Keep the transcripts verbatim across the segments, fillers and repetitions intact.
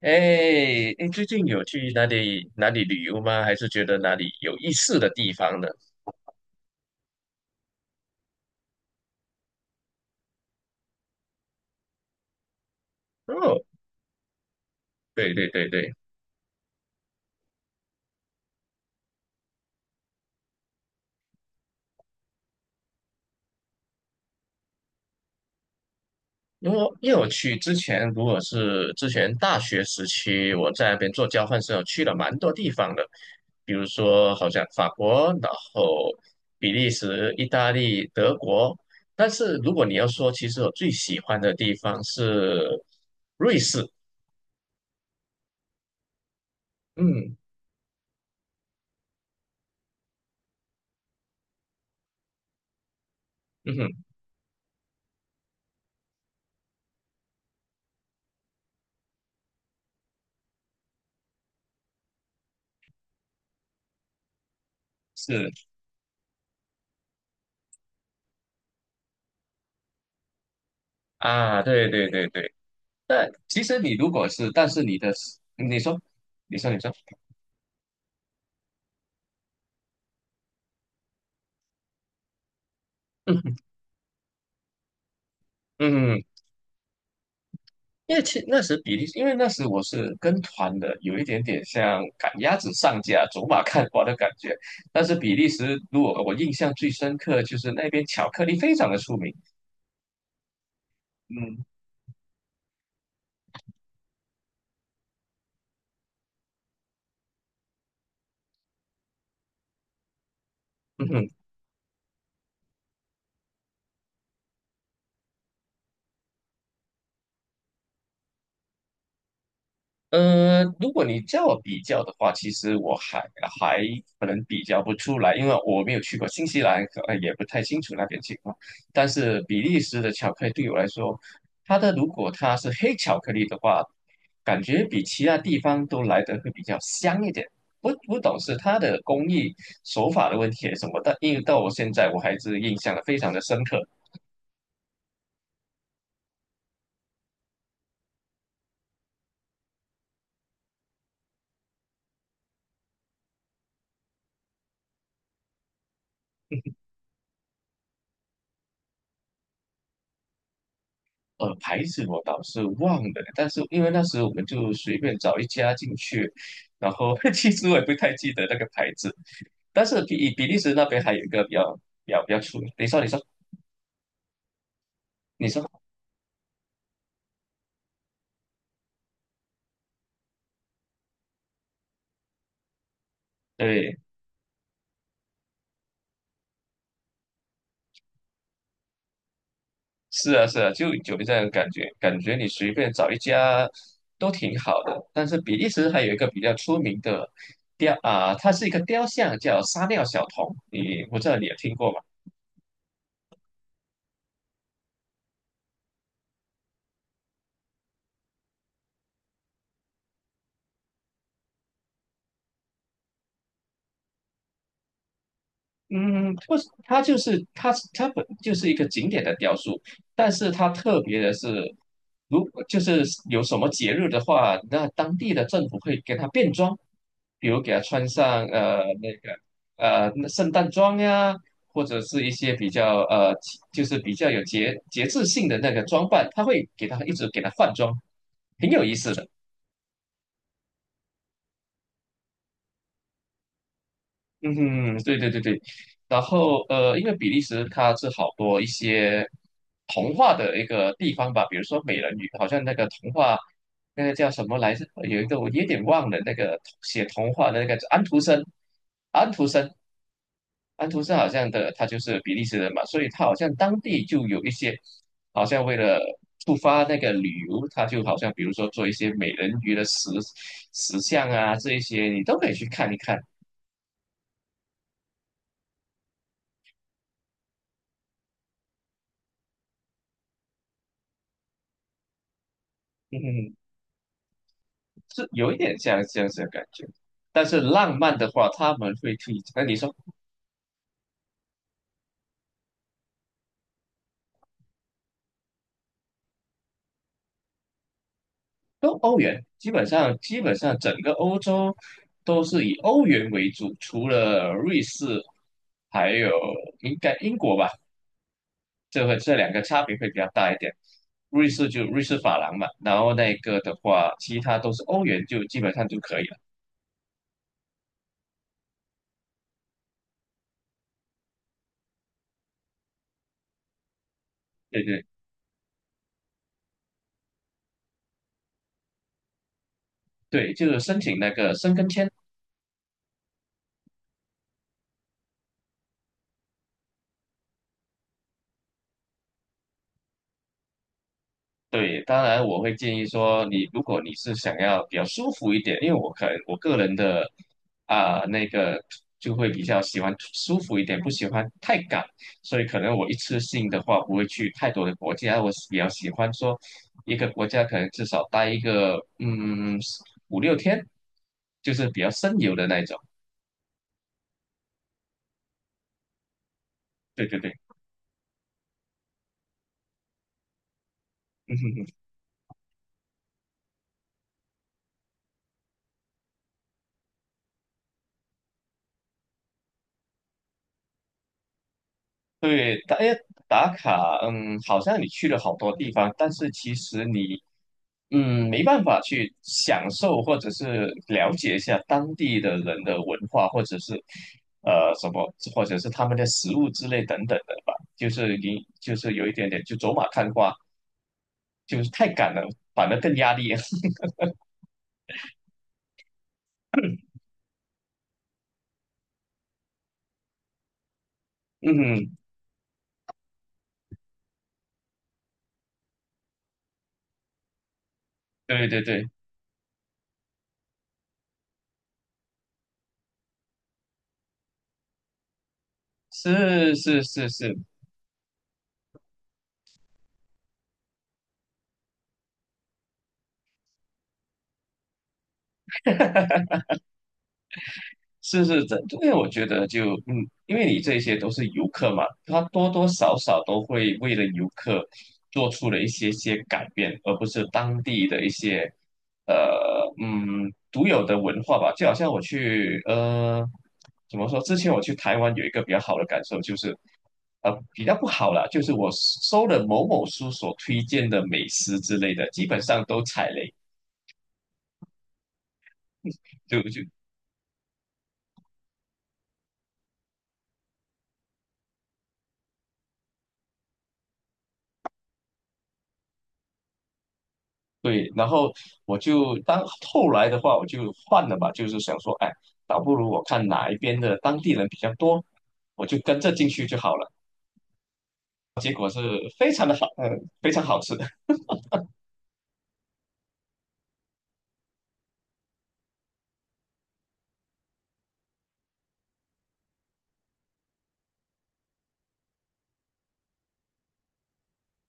哎，你最近有去哪里哪里旅游吗？还是觉得哪里有意思的地方呢？哦，对对对对，因为我因为我去之前，如果是之前大学时期，我在那边做交换生，我去了蛮多地方的，比如说好像法国，然后比利时、意大利、德国。但是如果你要说，其实我最喜欢的地方是瑞士。嗯嗯哼，是啊，对对对对。那其实你如果是，但是你的，你说，你说，你说，嗯，嗯，因为其那时比利时，因为那时我是跟团的，有一点点像赶鸭子上架、走马看花的感觉。但是比利时，如果我印象最深刻，就是那边巧克力非常的出名。嗯 呃，如果你叫我比较的话，其实我还还可能比较不出来，因为我没有去过新西兰，可呃也不太清楚那边情况。但是比利时的巧克力对我来说，它的如果它是黑巧克力的话，感觉比其他地方都来得会比较香一点。不不懂是它的工艺手法的问题还是什么，但因为到我现在我还是印象的非常的深刻。呃，牌子我倒是忘了，但是因为那时候我们就随便找一家进去，然后 其实我也不太记得那个牌子，但是比比利时那边还有一个比较比较比较出名。你说，你说，你说，对，是啊，是啊，就有这样的感觉，感觉你随便找一家都挺好的。但是比利时还有一个比较出名的雕啊、它是一个雕像，叫撒尿小童，你我不知道你有听过吗？嗯，不是，它就是它它本就是一个景点的雕塑，但是它特别的是，如果就是有什么节日的话，那当地的政府会给它变装，比如给它穿上呃那个呃那圣诞装呀，或者是一些比较呃就是比较有节节制性的那个装扮，它会给它一直给它换装，挺有意思的。嗯哼，对对对对，然后呃，因为比利时它是好多一些童话的一个地方吧，比如说美人鱼，好像那个童话那个叫什么来着？有一个我有点忘了，那个写童话的那个安徒生，安徒生，安徒生好像的他就是比利时人嘛，所以他好像当地就有一些，好像为了触发那个旅游，他就好像比如说做一些美人鱼的石石像啊，这一些你都可以去看一看。嗯哼。嗯是有一点像这样子的感觉。但是浪漫的话，他们会推。那你说，都欧元，基本上基本上整个欧洲都是以欧元为主，除了瑞士，还有应该英国吧，这个这两个差别会比较大一点。瑞士就瑞士法郎嘛，然后那个的话，其他都是欧元，就基本上就可以了。对对对，就是申请那个申根签。对，当然我会建议说你，如果你是想要比较舒服一点，因为我可能我个人的啊、那个就会比较喜欢舒服一点，不喜欢太赶，所以可能我一次性的话不会去太多的国家，我比较喜欢说一个国家可能至少待一个嗯五六天，就是比较深游的那一种。对对对，哼哼。对，打哎打卡，嗯，好像你去了好多地方，但是其实你，嗯，没办法去享受或者是了解一下当地的人的文化，或者是呃什么，或者是他们的食物之类等等的吧。就是你就是有一点点就走马看花，就是太赶了，反而更压力。嗯，对对对，是是是是，是是这，因为我觉得就嗯，因为你这些都是游客嘛，他多多少少都会为了游客做出了一些些改变，而不是当地的一些呃嗯独有的文化吧。就好像我去呃怎么说，之前我去台湾有一个比较好的感受就是，呃比较不好啦，就是我搜了某某书所推荐的美食之类的，基本上都踩雷。就就对，然后我就当后来的话，我就换了吧，就是想说，哎，倒不如我看哪一边的当地人比较多，我就跟着进去就好了。我是非常的好，嗯，非常好吃的。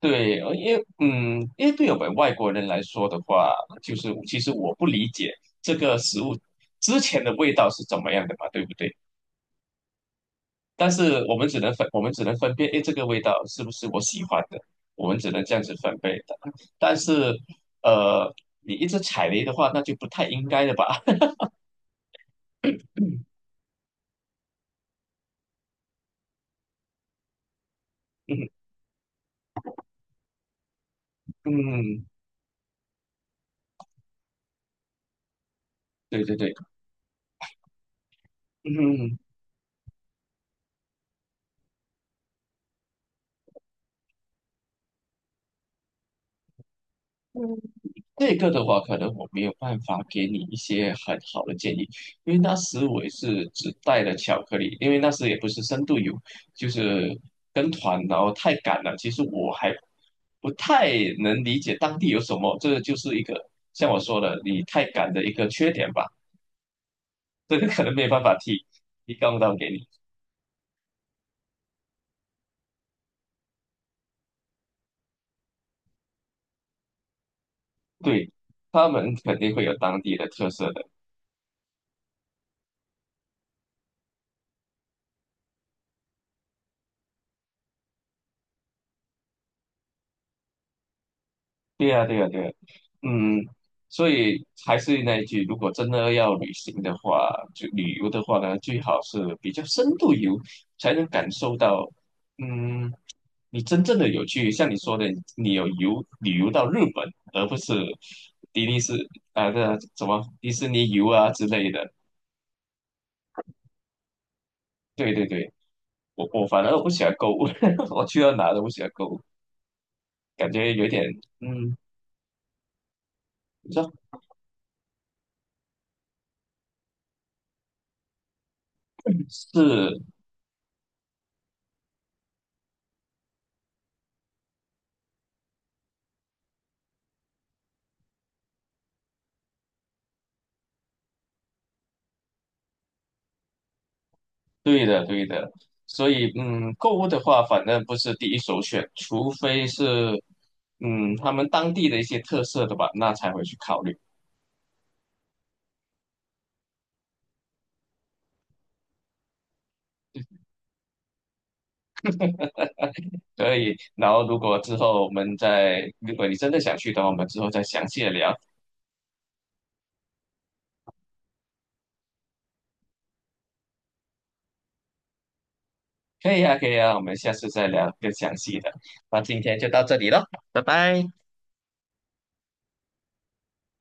对，呃因为嗯，因为对我们外国人来说的话，就是其实我不理解这个食物之前的味道是怎么样的嘛，对不对？但是我们只能分，我们只能分辨，诶，这个味道是不是我喜欢的？我们只能这样子分辨的。但是，呃，你一直踩雷的话，那就不太应该了吧？嗯嗯，对对对，嗯。这个的话，可能我没有办法给你一些很好的建议，因为那时我也是只带了巧克力，因为那时也不是深度游，就是跟团，然后太赶了。其实我还不太能理解当地有什么，这就是一个像我说的，你太赶的一个缺点吧。这个可能没有办法提提供到给你，对，他们肯定会有当地的特色的。对呀，对呀，对呀。嗯，所以还是那一句，如果真的要旅行的话，就旅游的话呢，最好是比较深度游，才能感受到，嗯，你真正的有去，像你说的，你有游旅游到日本，而不是迪士尼是啊的什么迪士尼游啊之类的。对对对，我我反而不喜欢购物，我去到哪都不喜欢购物，感觉有点嗯，你知道是。对的，对的，所以嗯，购物的话，反正不是第一首选，除非是嗯他们当地的一些特色的吧，那才会去考虑。所以，然后如果之后我们再，如果你真的想去的话，我们之后再详细的聊。可以啊，可以啊，我们下次再聊更详细的。那今天就到这里了，拜拜。